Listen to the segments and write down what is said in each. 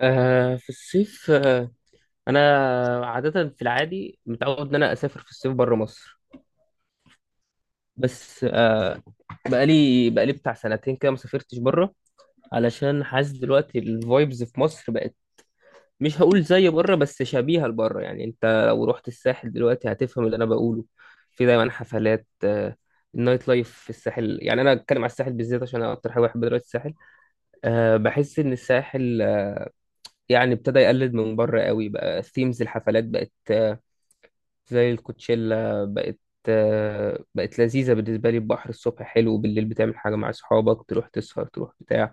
آه، في الصيف انا عاده في العادي متعود ان انا اسافر في الصيف بره مصر. بس بقالي بتاع سنتين كده ما سافرتش بره، علشان حاسس دلوقتي الفايبز في مصر بقت مش هقول زي بره بس شبيهه لبره. يعني انت لو رحت الساحل دلوقتي هتفهم اللي انا بقوله. في دايما حفلات، النايت لايف في الساحل. يعني انا اتكلم على الساحل بالذات عشان انا اكتر حاجه بحب دلوقتي الساحل. بحس ان الساحل يعني ابتدى يقلد من بره قوي، بقى ثيمز الحفلات بقت زي الكوتشيلا. بقت بقت لذيذة بالنسبة لي. البحر الصبح حلو، بالليل بتعمل حاجة مع أصحابك، تروح تسهر تروح بتاع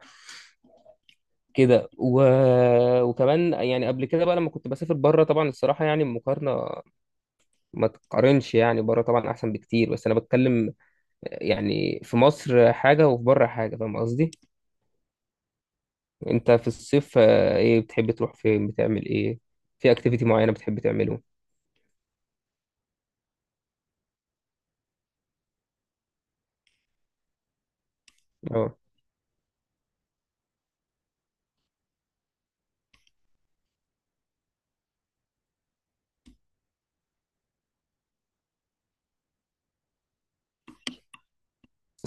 كده وكمان يعني. قبل كده بقى لما كنت بسافر بره طبعا الصراحة، يعني المقارنة ما تقارنش. يعني بره طبعا أحسن بكتير، بس أنا بتكلم يعني في مصر حاجة وفي بره حاجة. فاهم قصدي؟ أنت في الصيف إيه بتحب تروح فين، بتعمل إيه؟ في أكتيفيتي معينة بتحب تعمله؟ أه.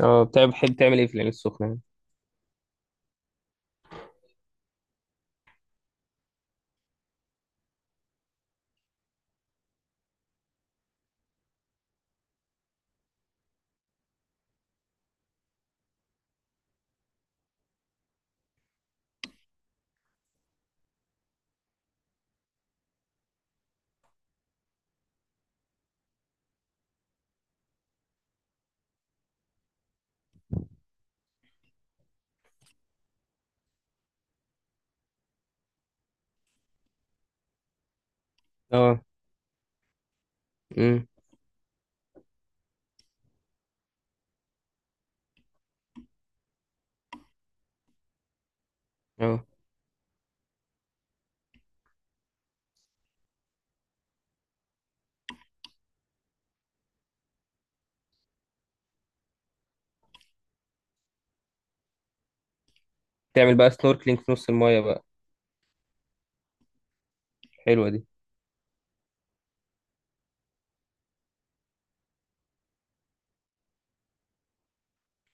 أه، بتحب تعمل إيه في العين السخنة يعني؟ أه. أمم. أه، تعمل بقى سنوركلينج في نص المايه بقى، حلوه دي.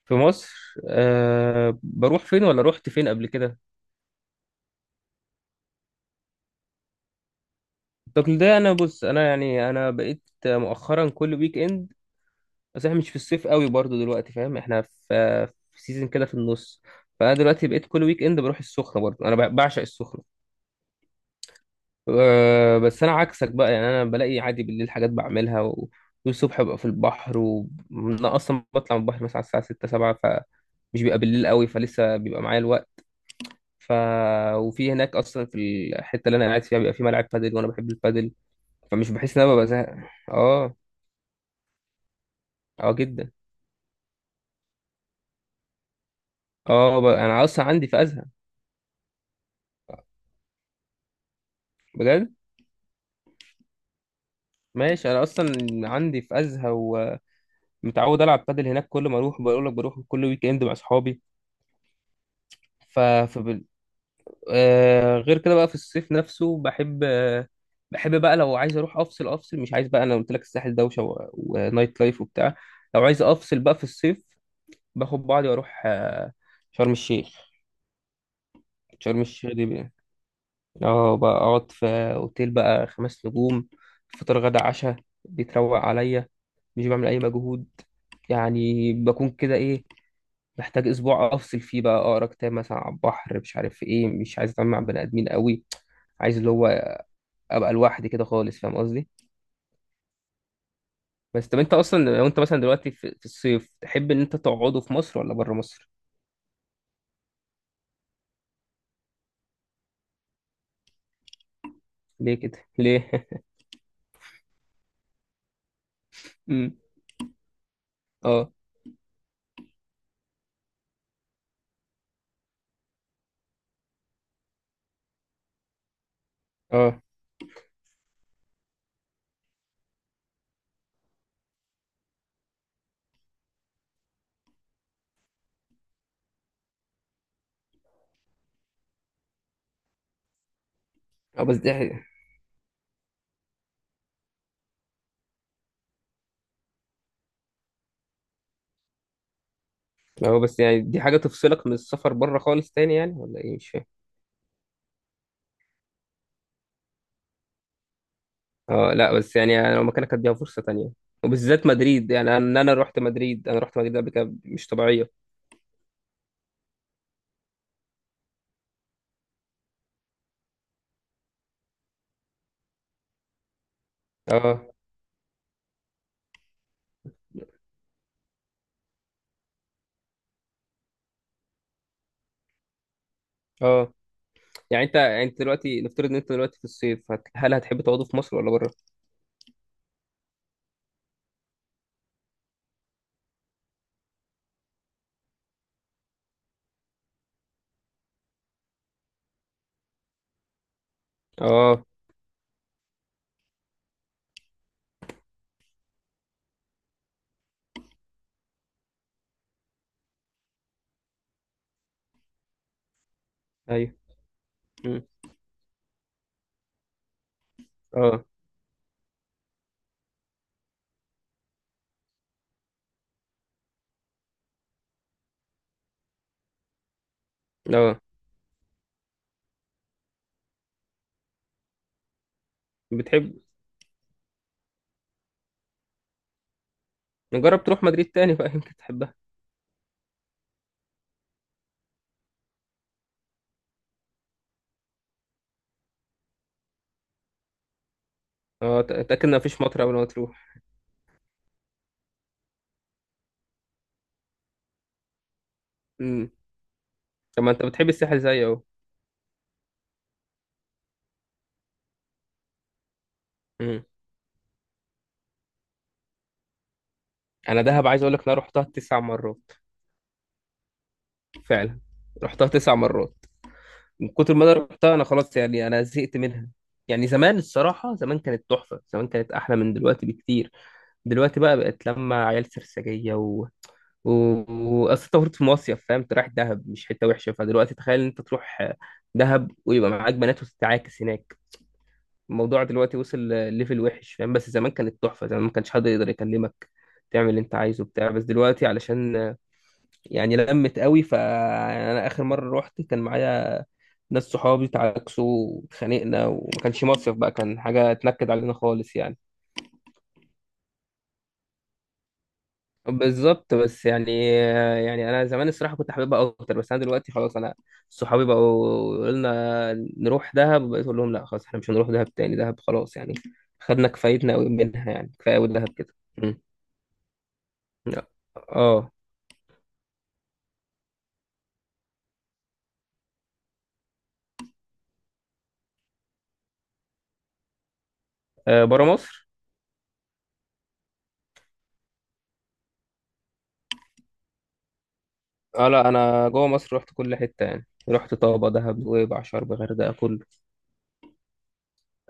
في مصر أه بروح فين، ولا رحت فين قبل كده؟ التقليد ده، انا بص انا يعني انا بقيت مؤخرا كل ويك اند. بس احنا مش في الصيف قوي برضو دلوقتي، فاهم؟ احنا في سيزون كده في النص. فانا دلوقتي بقيت كل ويك اند بروح السخنه برضو، انا بعشق السخنه. أه بس انا عكسك بقى، يعني انا بلاقي عادي بالليل حاجات بعملها والصبح ببقى في البحر. وانا اصلا بطلع من البحر مثلا على الساعه 6 7، فمش بيبقى بالليل قوي، فلسه بيبقى معايا الوقت. ف وفي هناك اصلا في الحته اللي انا قاعد فيها بيبقى في ملعب بادل، وانا بحب البادل. فمش بحس ان انا ببقى زهق. اه، اه جدا. اه انا اصلا عندي في ازهى. بجد؟ ماشي، انا اصلا عندي في ازهى ومتعود العب بادل هناك، كل ما اروح بقول لك بروح كل ويك اند مع اصحابي. ف فبال... آه، غير كده بقى في الصيف نفسه بحب بحب بقى. لو عايز اروح افصل افصل، مش عايز بقى. انا قلت لك الساحل دوشه ونايت لايف وبتاع. لو عايز افصل بقى في الصيف باخد بعضي واروح شرم الشيخ. شرم الشيخ دي بقى اه، بقى اقعد في اوتيل بقى خمس نجوم، فطار غدا عشاء، بيتروق عليا، مش بعمل اي مجهود. يعني بكون كده ايه، محتاج اسبوع افصل فيه بقى، اقرا كتاب مثلا على البحر، مش عارف ايه، مش عايز اتعامل مع بني ادمين قوي. عايز اللي هو ابقى لوحدي كده خالص، فاهم قصدي؟ بس طب انت اصلا لو انت مثلا دلوقتي في الصيف تحب ان انت تقعده في مصر ولا بره مصر؟ ليه كده ليه؟ امم. اه. اه. اه بس ده. هو بس يعني دي حاجة تفصلك من السفر بره خالص تاني يعني، ولا ايه؟ مش فاهم. اه لا بس يعني انا لو مكانك اديها فرصة تانية، وبالذات مدريد. يعني ان انا رحت مدريد، انا رحت مدريد قبل كده مش طبيعية. اه. اه، يعني انت دلوقتي نفترض ان انت دلوقتي في الصيف هل هتحب تقعدوا في مصر ولا بره؟ اه. ايوه. مم. اه. اه بتحب نجرب تروح مدريد تاني بقى، يمكن تحبها. اه اتاكد ان مفيش مطر قبل ما تروح. امم. طب ما انت بتحب الساحل زيي اهو. مم. انا دهب عايز اقول لك انا رحتها تسع مرات. فعلا، رحتها تسع مرات. من كتر ما انا رحتها انا خلاص يعني انا زهقت منها. يعني زمان الصراحة زمان كانت تحفة، زمان كانت أحلى من دلوقتي بكتير. دلوقتي بقى بقت لما عيال سرسجية و وأصل أنت المفروض في مصيف، فاهم؟ أنت رايح دهب مش حتة وحشة، فدلوقتي تخيل إن أنت تروح دهب ويبقى معاك بنات وتتعاكس هناك. الموضوع دلوقتي وصل ليفل وحش، فاهم؟ بس زمان كانت تحفة، زمان ما كانش حد يقدر يكلمك، تعمل اللي أنت عايزه بتاع. بس دلوقتي علشان يعني لمت قوي. فانا اخر مره رحت كان معايا ناس صحابي تعاكسوا واتخانقنا، وما كانش مصيف بقى، كان حاجه اتنكد علينا خالص يعني. بالظبط، بس يعني يعني انا زمان الصراحه كنت حاببها اكتر، بس انا دلوقتي خلاص. انا صحابي بقوا يقولوا لنا نروح دهب، بقيت اقول لهم لا خلاص احنا مش هنروح دهب تاني. دهب خلاص يعني خدنا كفايتنا قوي منها، يعني كفايه قوي دهب كده. مم. اه. بره مصر. اه لا، انا جوه مصر رحت كل حته، يعني رحت طابه دهب نويبع شرم غردقه كله.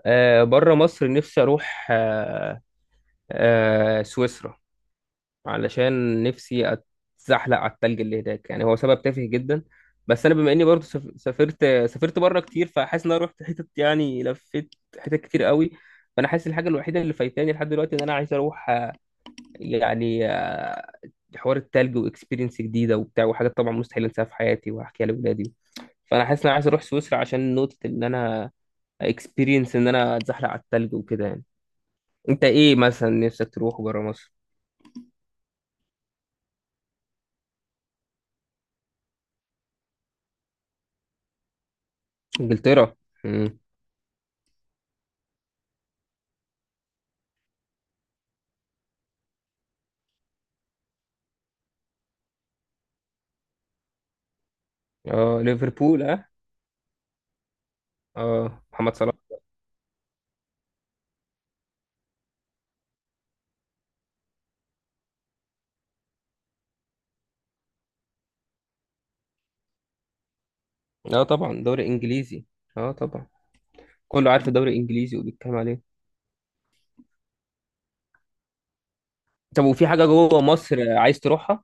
آه بره مصر نفسي اروح آه سويسرا، علشان نفسي اتزحلق على التلج اللي هناك. يعني هو سبب تافه جدا، بس انا بما اني برضو سافرت بره كتير، فحاسس ان انا رحت حتت يعني لفيت حتت كتير قوي. فانا حاسس الحاجه الوحيده اللي فايتاني لحد دلوقتي ان انا عايز اروح يعني حوار التلج واكسبيرينس جديده وبتاع، وحاجات طبعا مستحيل انساها في حياتي وهحكيها لاولادي. فانا حاسس ان انا عايز اروح سويسرا عشان نقطه ان انا اكسبيرينس ان انا اتزحلق على التلج وكده يعني. انت ايه مثلا نفسك تروح بره مصر؟ انجلترا. امم. اه. ليفربول. اه. اه محمد صلاح. اه طبعا دوري انجليزي. اه طبعا، كله عارف الدوري الانجليزي وبيتكلم عليه. طب وفي حاجه جوه مصر عايز تروحها؟